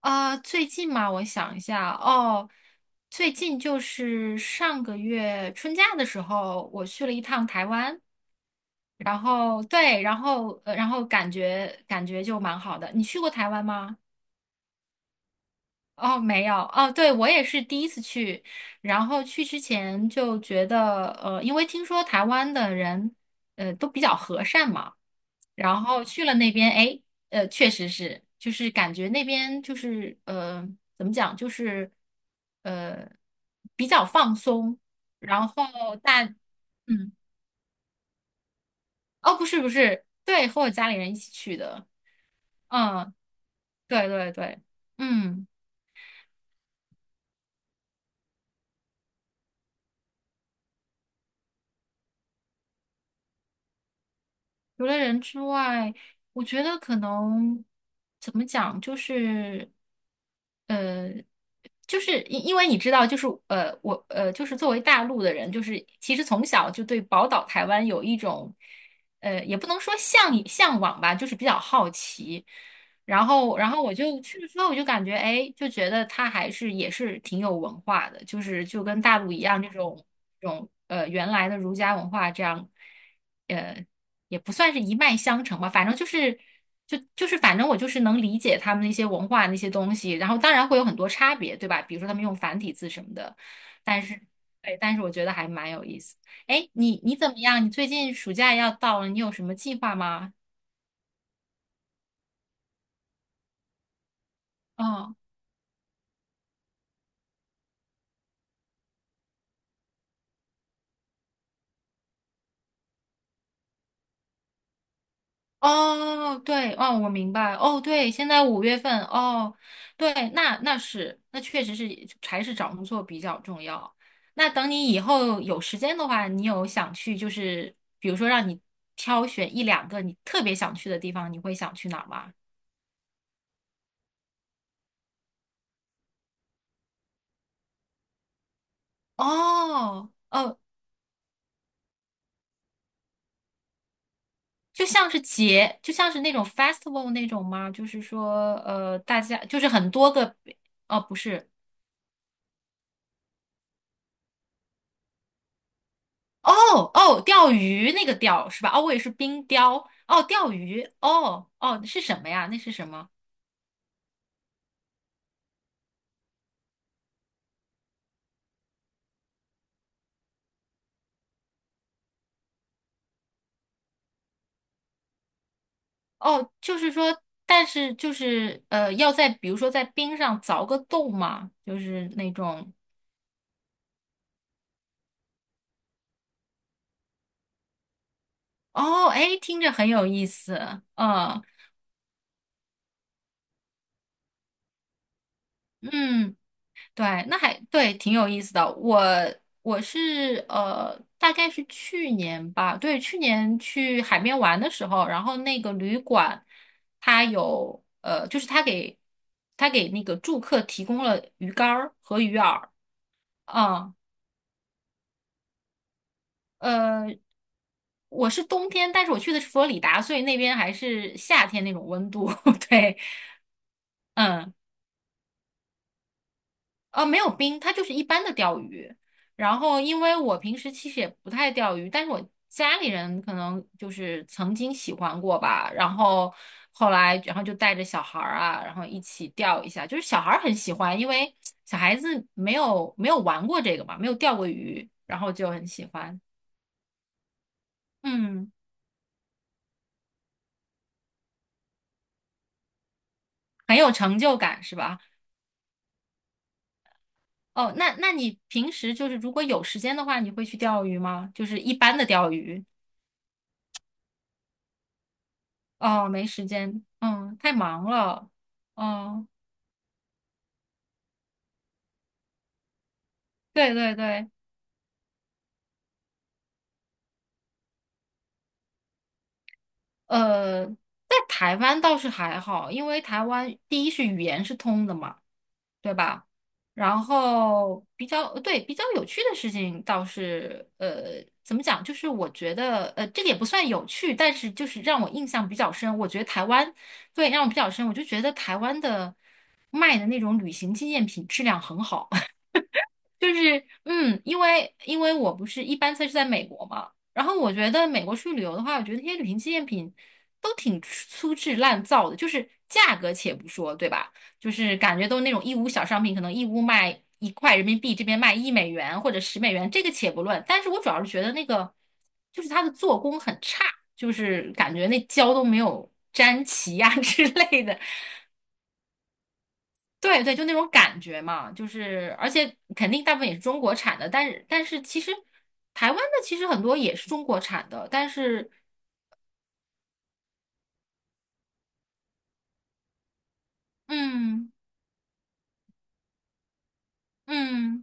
最近嘛，我想一下哦，最近就是上个月春假的时候，我去了一趟台湾，然后对，然后然后感觉就蛮好的。你去过台湾吗？哦，没有哦，对，我也是第一次去，然后去之前就觉得，因为听说台湾的人，都比较和善嘛，然后去了那边，哎，确实是，就是感觉那边就是，怎么讲，就是，呃，比较放松，然后大，嗯，哦，不是不是，对，和我家里人一起去的，嗯，对对对，嗯。除了人之外，我觉得可能怎么讲，就是呃，就是因为你知道，就是我就是作为大陆的人，就是其实从小就对宝岛台湾有一种也不能说向往吧，就是比较好奇。然后我就去了之后，我就感觉，哎，就觉得他还是也是挺有文化的，就是就跟大陆一样，这种原来的儒家文化这样，呃也不算是一脉相承吧，反正就是反正我就是能理解他们那些文化那些东西，然后当然会有很多差别，对吧？比如说他们用繁体字什么的，但是对，但是我觉得还蛮有意思。哎，你怎么样？你最近暑假要到了，你有什么计划吗？嗯。哦，对，哦，我明白，哦，对，现在5月份，哦，对，那确实是还是找工作比较重要。那等你以后有时间的话，你有想去，就是比如说让你挑选一两个你特别想去的地方，你会想去哪儿吗？哦，哦，就像是那种 festival 那种吗？就是说，大家就是很多个，哦，不是。哦哦，钓鱼那个钓是吧？哦，我也是冰雕。哦，钓鱼。哦哦，是什么呀？那是什么？哦，就是说，但是就是要在比如说在冰上凿个洞嘛，就是那种。哦，哎，听着很有意思。嗯嗯。对，那还对，挺有意思的。我是大概是去年吧，对，去年去海边玩的时候，然后那个旅馆它有就是它给那个住客提供了鱼竿儿和鱼饵，嗯，呃，我是冬天，但是我去的是佛罗里达，所以那边还是夏天那种温度，对，嗯。没有冰，它就是一般的钓鱼。然后，因为我平时其实也不太钓鱼，但是我家里人可能就是曾经喜欢过吧。然后后来，然后就带着小孩儿啊，然后一起钓一下。就是小孩儿很喜欢，因为小孩子没有玩过这个嘛，没有钓过鱼，然后就很喜欢。嗯，很有成就感，是吧？哦，那你平时就是如果有时间的话，你会去钓鱼吗？就是一般的钓鱼。哦，没时间，嗯，太忙了，嗯，对对对，在台湾倒是还好，因为台湾第一是语言是通的嘛，对吧？然后比较，对，比较有趣的事情倒是，怎么讲？就是我觉得，这个也不算有趣，但是就是让我印象比较深。我觉得台湾，对，让我比较深，我就觉得台湾的卖的那种旅行纪念品质量很好。就是因为我不是一般在美国嘛，然后我觉得美国去旅游的话，我觉得那些旅行纪念品都挺粗制滥造的，就是价格且不说，对吧？就是感觉都是那种义乌小商品，可能义乌卖1块人民币，这边卖1美元或者10美元，这个且不论。但是我主要是觉得那个就是它的做工很差，就是感觉那胶都没有粘齐呀、之类的。对对，就那种感觉嘛，就是而且肯定大部分也是中国产的，但是其实台湾的其实很多也是中国产的，但是嗯嗯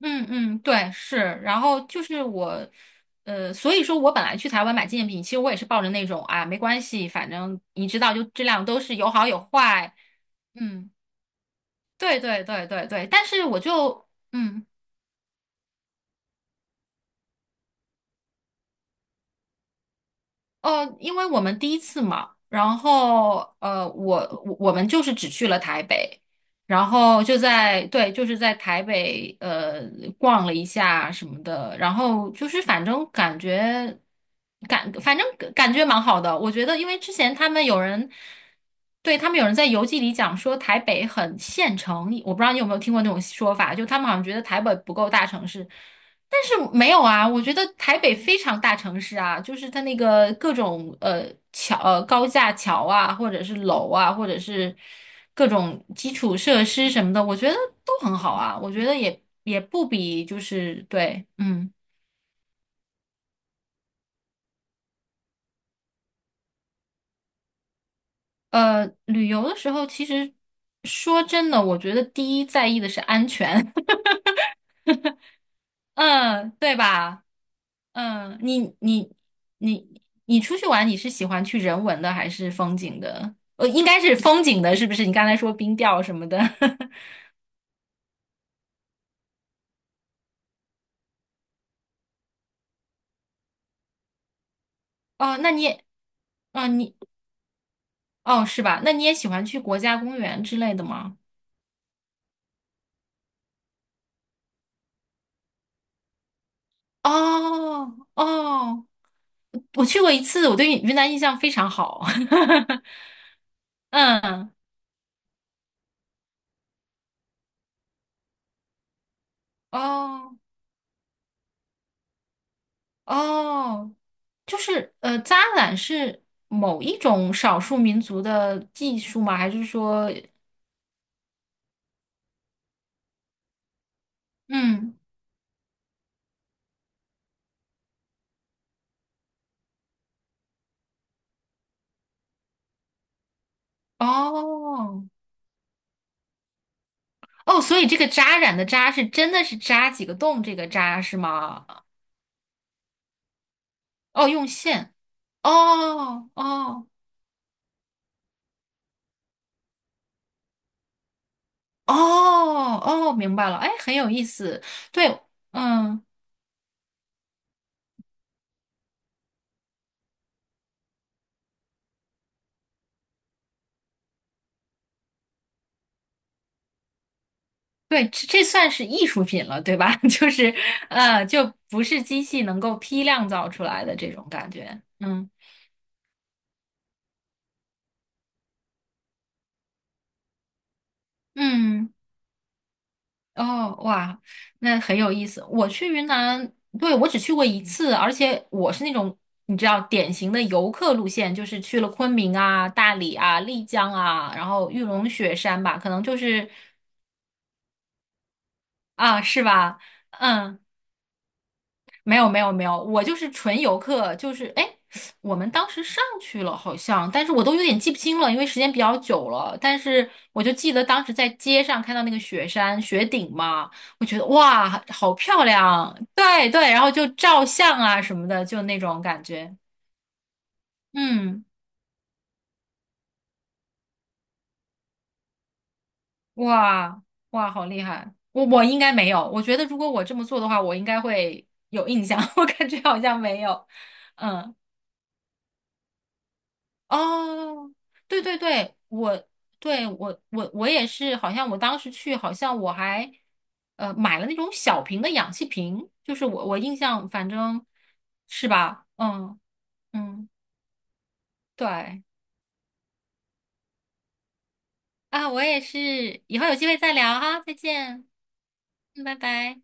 嗯嗯，对是，然后就是我所以说我本来去台湾买纪念品，其实我也是抱着那种啊没关系，反正你知道就质量都是有好有坏，嗯，对对对对对，但是我就嗯。因为我们第一次嘛，然后我们就是只去了台北，然后就在对，就是在台北逛了一下什么的，然后就是反正感觉蛮好的，我觉得因为之前他们有人对他们有人在游记里讲说台北很县城，我不知道你有没有听过那种说法，就他们好像觉得台北不够大城市。但是没有啊，我觉得台北非常大城市啊，就是它那个各种桥、高架桥啊，或者是楼啊，或者是各种基础设施什么的，我觉得都很好啊。我觉得也不比就是对，旅游的时候其实说真的，我觉得第一在意的是安全，嗯，对吧？嗯，你出去玩，你是喜欢去人文的还是风景的？应该是风景的，是不是？你刚才说冰钓什么的，哦，那你也，哦，你哦，是吧？那你也喜欢去国家公园之类的吗？哦哦，我去过一次，我对云南印象非常好。嗯，哦哦，就是扎染是某一种少数民族的技术吗？还是说，嗯？哦哦，所以这个扎染的扎是真的是扎几个洞这个扎是吗？哦，用线。哦哦哦哦，明白了。哎，很有意思。对，嗯，对，这算是艺术品了，对吧？就是就不是机器能够批量造出来的这种感觉。嗯嗯。哦，哇，那很有意思。我去云南，对，我只去过一次，而且我是那种你知道典型的游客路线，就是去了昆明啊、大理啊、丽江啊，然后玉龙雪山吧，可能就是啊，是吧？嗯。没有没有没有，我就是纯游客，就是哎，我们当时上去了好像，但是我都有点记不清了，因为时间比较久了。但是我就记得当时在街上看到那个雪山雪顶嘛，我觉得哇，好漂亮，对对，然后就照相啊什么的，就那种感觉。嗯，哇哇，好厉害！我应该没有，我觉得如果我这么做的话，我应该会有印象，我感觉好像没有。嗯。哦，对对对，我也是，好像我当时去，好像我还买了那种小瓶的氧气瓶，就是我印象反正是吧，嗯嗯，对啊，我也是，以后有机会再聊哈，再见，嗯，拜拜。